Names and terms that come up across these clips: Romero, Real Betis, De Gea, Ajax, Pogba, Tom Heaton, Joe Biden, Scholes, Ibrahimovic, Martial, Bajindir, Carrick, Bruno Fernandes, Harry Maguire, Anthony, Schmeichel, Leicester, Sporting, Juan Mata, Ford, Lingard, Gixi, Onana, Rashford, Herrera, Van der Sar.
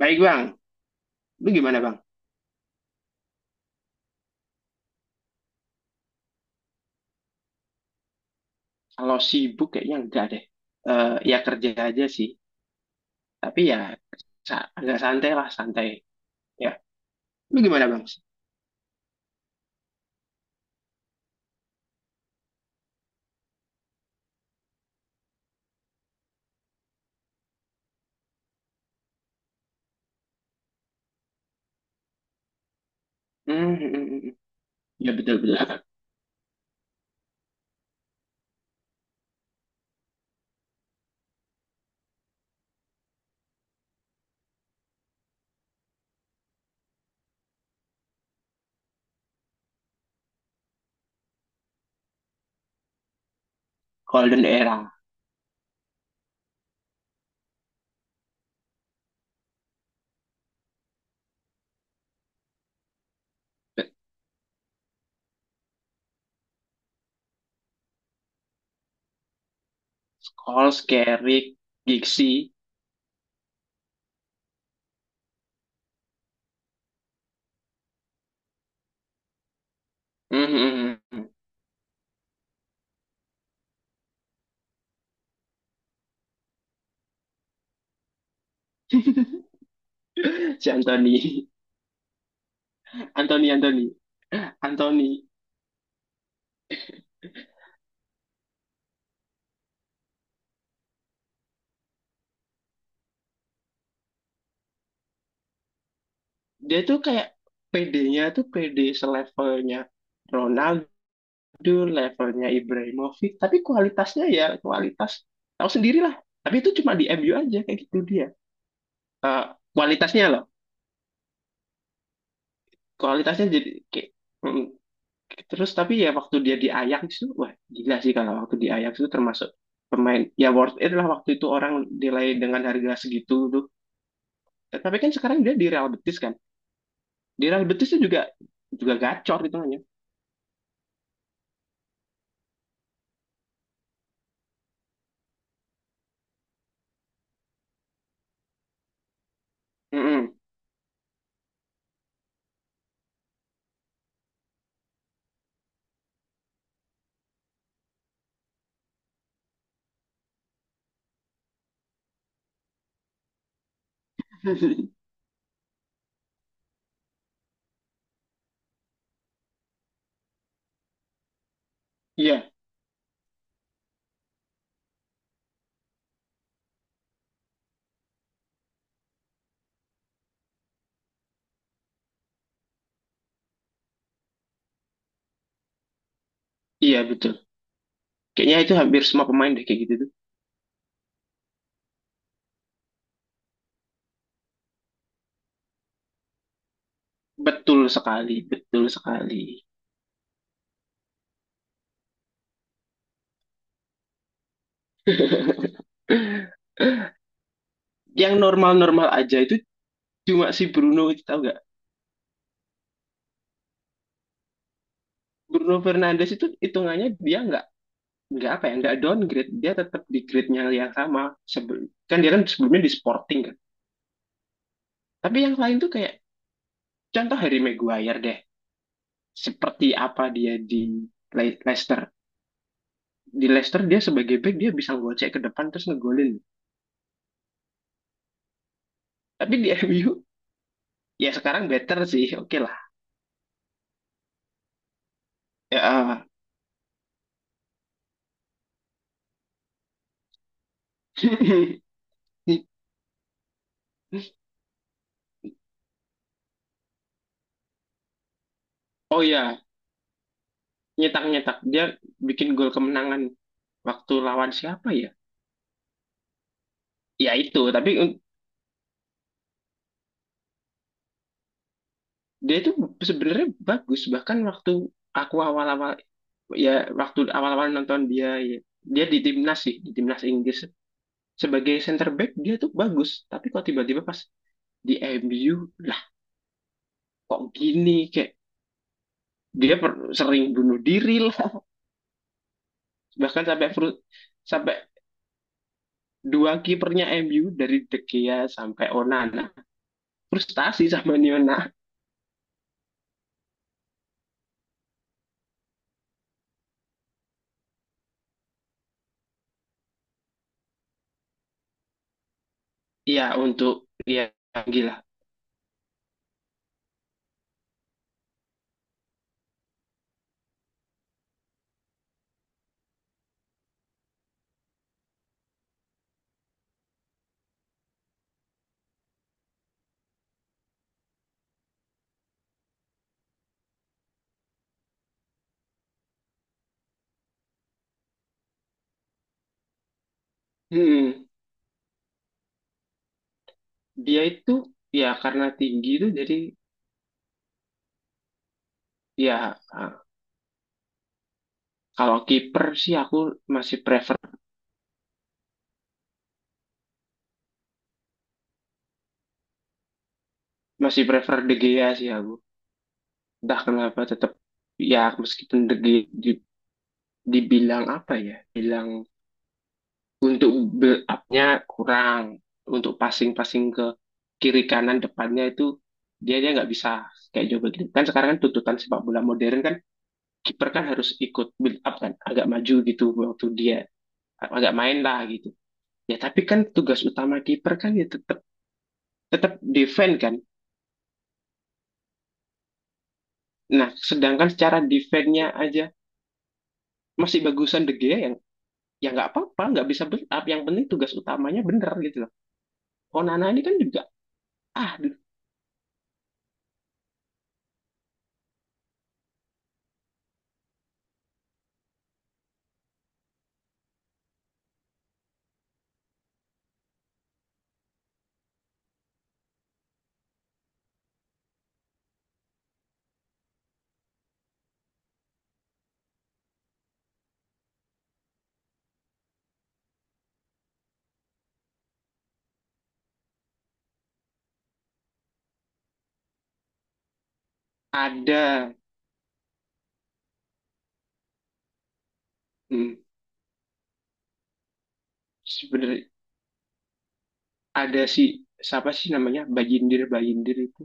Baik bang, lu gimana bang? Kalau sibuk kayaknya enggak deh. Ya kerja aja sih, tapi ya agak santai lah, santai. Ya, lu gimana bang? Hmm, hmm, hmm, hmm. Ya betul betul. Golden era. Scholes, Carrick, Gixi. hmm, hmm, hmm, hmm. Si Anthony, Anthony, Anthony, Anthony. Dia tuh kayak PD-nya tuh PD selevelnya, levelnya Ibrahimovic, tapi kualitasnya ya kualitas tahu sendirilah. Tapi itu cuma di MU aja kayak gitu dia. Eh, Kualitasnya loh, kualitasnya jadi kayak mm, terus tapi ya waktu dia di Ajax itu wah gila sih, kalau waktu di Ajax itu termasuk pemain ya worth it lah, waktu itu orang nilai dengan harga segitu tuh. Eh, tapi kan sekarang dia di Real Betis kan. Di Real Betis itu juga juga gacor hitungannya. Mm-mm. Iya, iya betul. Kayaknya itu hampir semua pemain deh kayak gitu. Betul sekali, betul sekali. Yang normal-normal aja itu cuma si Bruno itu, tahu nggak? Bruno Fernandes itu hitungannya dia nggak apa ya, nggak downgrade, dia tetap di grade-nya yang sama sebelum, kan dia kan sebelumnya di Sporting kan, tapi yang lain tuh kayak contoh Harry Maguire deh, seperti apa dia di Leicester. Di Leicester dia sebagai back dia bisa gocek ke depan terus ngegolin, tapi di MU ya sekarang better sih, oke lah ya, eh. Oh ya, nyetak-nyetak dia bikin gol kemenangan waktu lawan siapa ya. Ya itu tapi dia itu sebenarnya bagus, bahkan waktu aku awal-awal, ya waktu awal-awal nonton dia ya, dia di timnas sih, di timnas Inggris sebagai center back dia tuh bagus, tapi kok tiba-tiba pas di MU lah kok gini, kayak dia sering bunuh diri lah. Bahkan sampai sampai dua kipernya MU dari De Gea sampai Onana frustasi sama Niona. Iya untuk ya gila. Hmm, dia itu ya karena tinggi itu jadi ya ah, kalau kiper sih aku masih prefer masih prefer De Gea sih aku. Entah kenapa tetap ya, meskipun De Gea dibilang apa ya? Bilang untuk build up-nya kurang, untuk passing-passing ke kiri kanan depannya itu dia dia nggak bisa kayak Joe Biden. Kan sekarang kan tuntutan sepak bola modern kan kiper kan harus ikut build up kan, agak maju gitu, waktu dia agak main lah gitu. Ya tapi kan tugas utama kiper kan ya tetap tetap defend kan. Nah, sedangkan secara defense-nya aja masih bagusan De Gea, yang ya nggak apa-apa, nggak bisa build up. Yang penting tugas utamanya bener gitu loh. Onana ini kan juga ah aduh, ada hmm, sebenarnya ada si siapa sih namanya, Bajindir. Bajindir itu.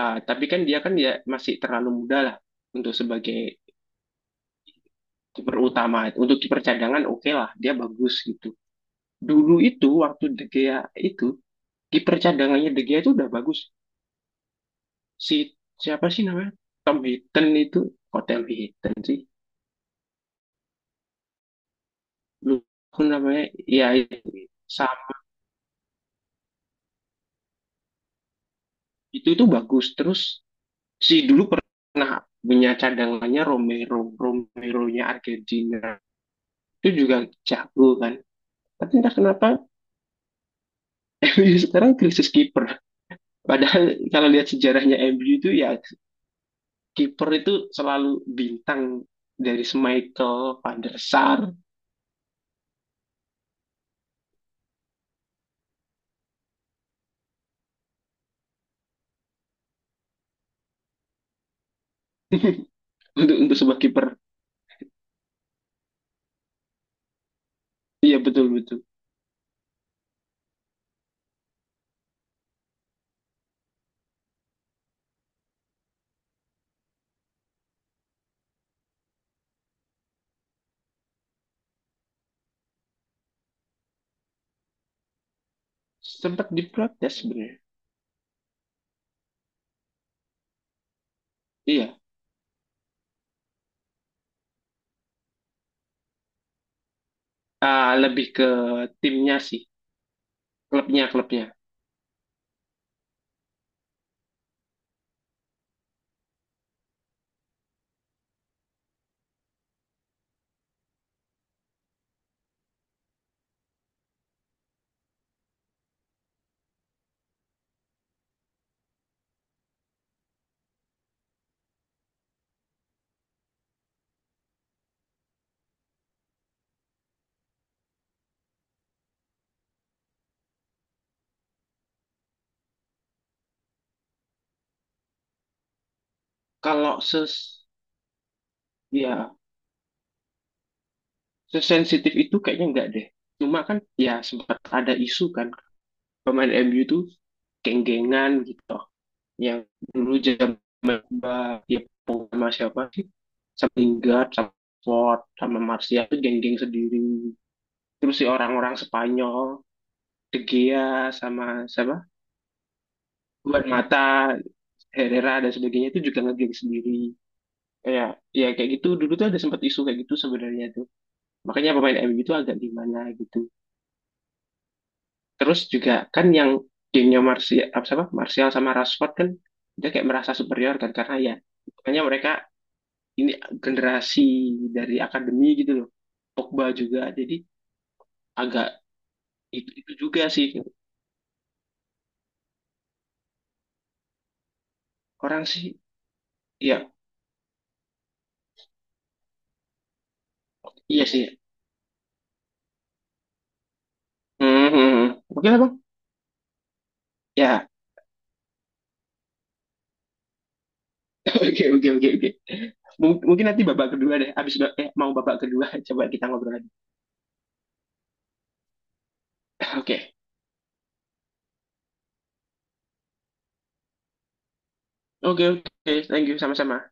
Ah, tapi kan dia kan ya masih terlalu muda lah untuk sebagai kiper utama. Untuk kiper cadangan oke lah, dia bagus gitu. Dulu itu waktu De Gea itu kiper cadangannya De Gea itu udah bagus. Si siapa sih namanya? Tom Heaton itu, kok Tom Heaton sih? Lu aku namanya ya itu Sam, itu bagus. Terus si dulu pernah punya cadangannya Romero, Romero-nya Argentina. Itu juga jago kan. Tapi entah kenapa MU sekarang krisis kiper. Padahal kalau lihat sejarahnya MU itu ya kiper itu selalu bintang, dari Schmeichel, Van der Sar. Untuk sebuah kiper, iya betul betul. Sempat diprotes sebenarnya. Iya. Ah, lebih ke timnya sih, klubnya klubnya. Kalau ses Ya sesensitif itu kayaknya enggak deh. Cuma kan ya sempat ada isu kan pemain MU tuh geng-gengan gitu. Yang dulu zaman Mbak ya sama siapa sih? Sama Lingard, sama Ford, sama Martial tuh geng-geng sendiri. Terus si orang-orang Spanyol, De Gea sama siapa? Juan Mata, Herrera dan sebagainya itu juga ngegeng sendiri. Kayak ya kayak gitu dulu tuh ada sempat isu kayak gitu sebenarnya tuh. Makanya pemain MU itu agak gimana gitu. Terus juga kan yang gengnya Martial apa siapa? Martial sama Rashford kan dia kayak merasa superior kan, karena ya makanya mereka ini generasi dari akademi gitu loh. Pogba juga jadi agak itu juga sih orang sih ya, iya sih. Hmm, hmm, hmm. Oke lah bang, ya oke, oke, oke, oke. Mungkin nanti babak kedua deh. Mau babak kedua, coba kita ngobrol lagi. Oke, oke, oke. Thank you, sama-sama.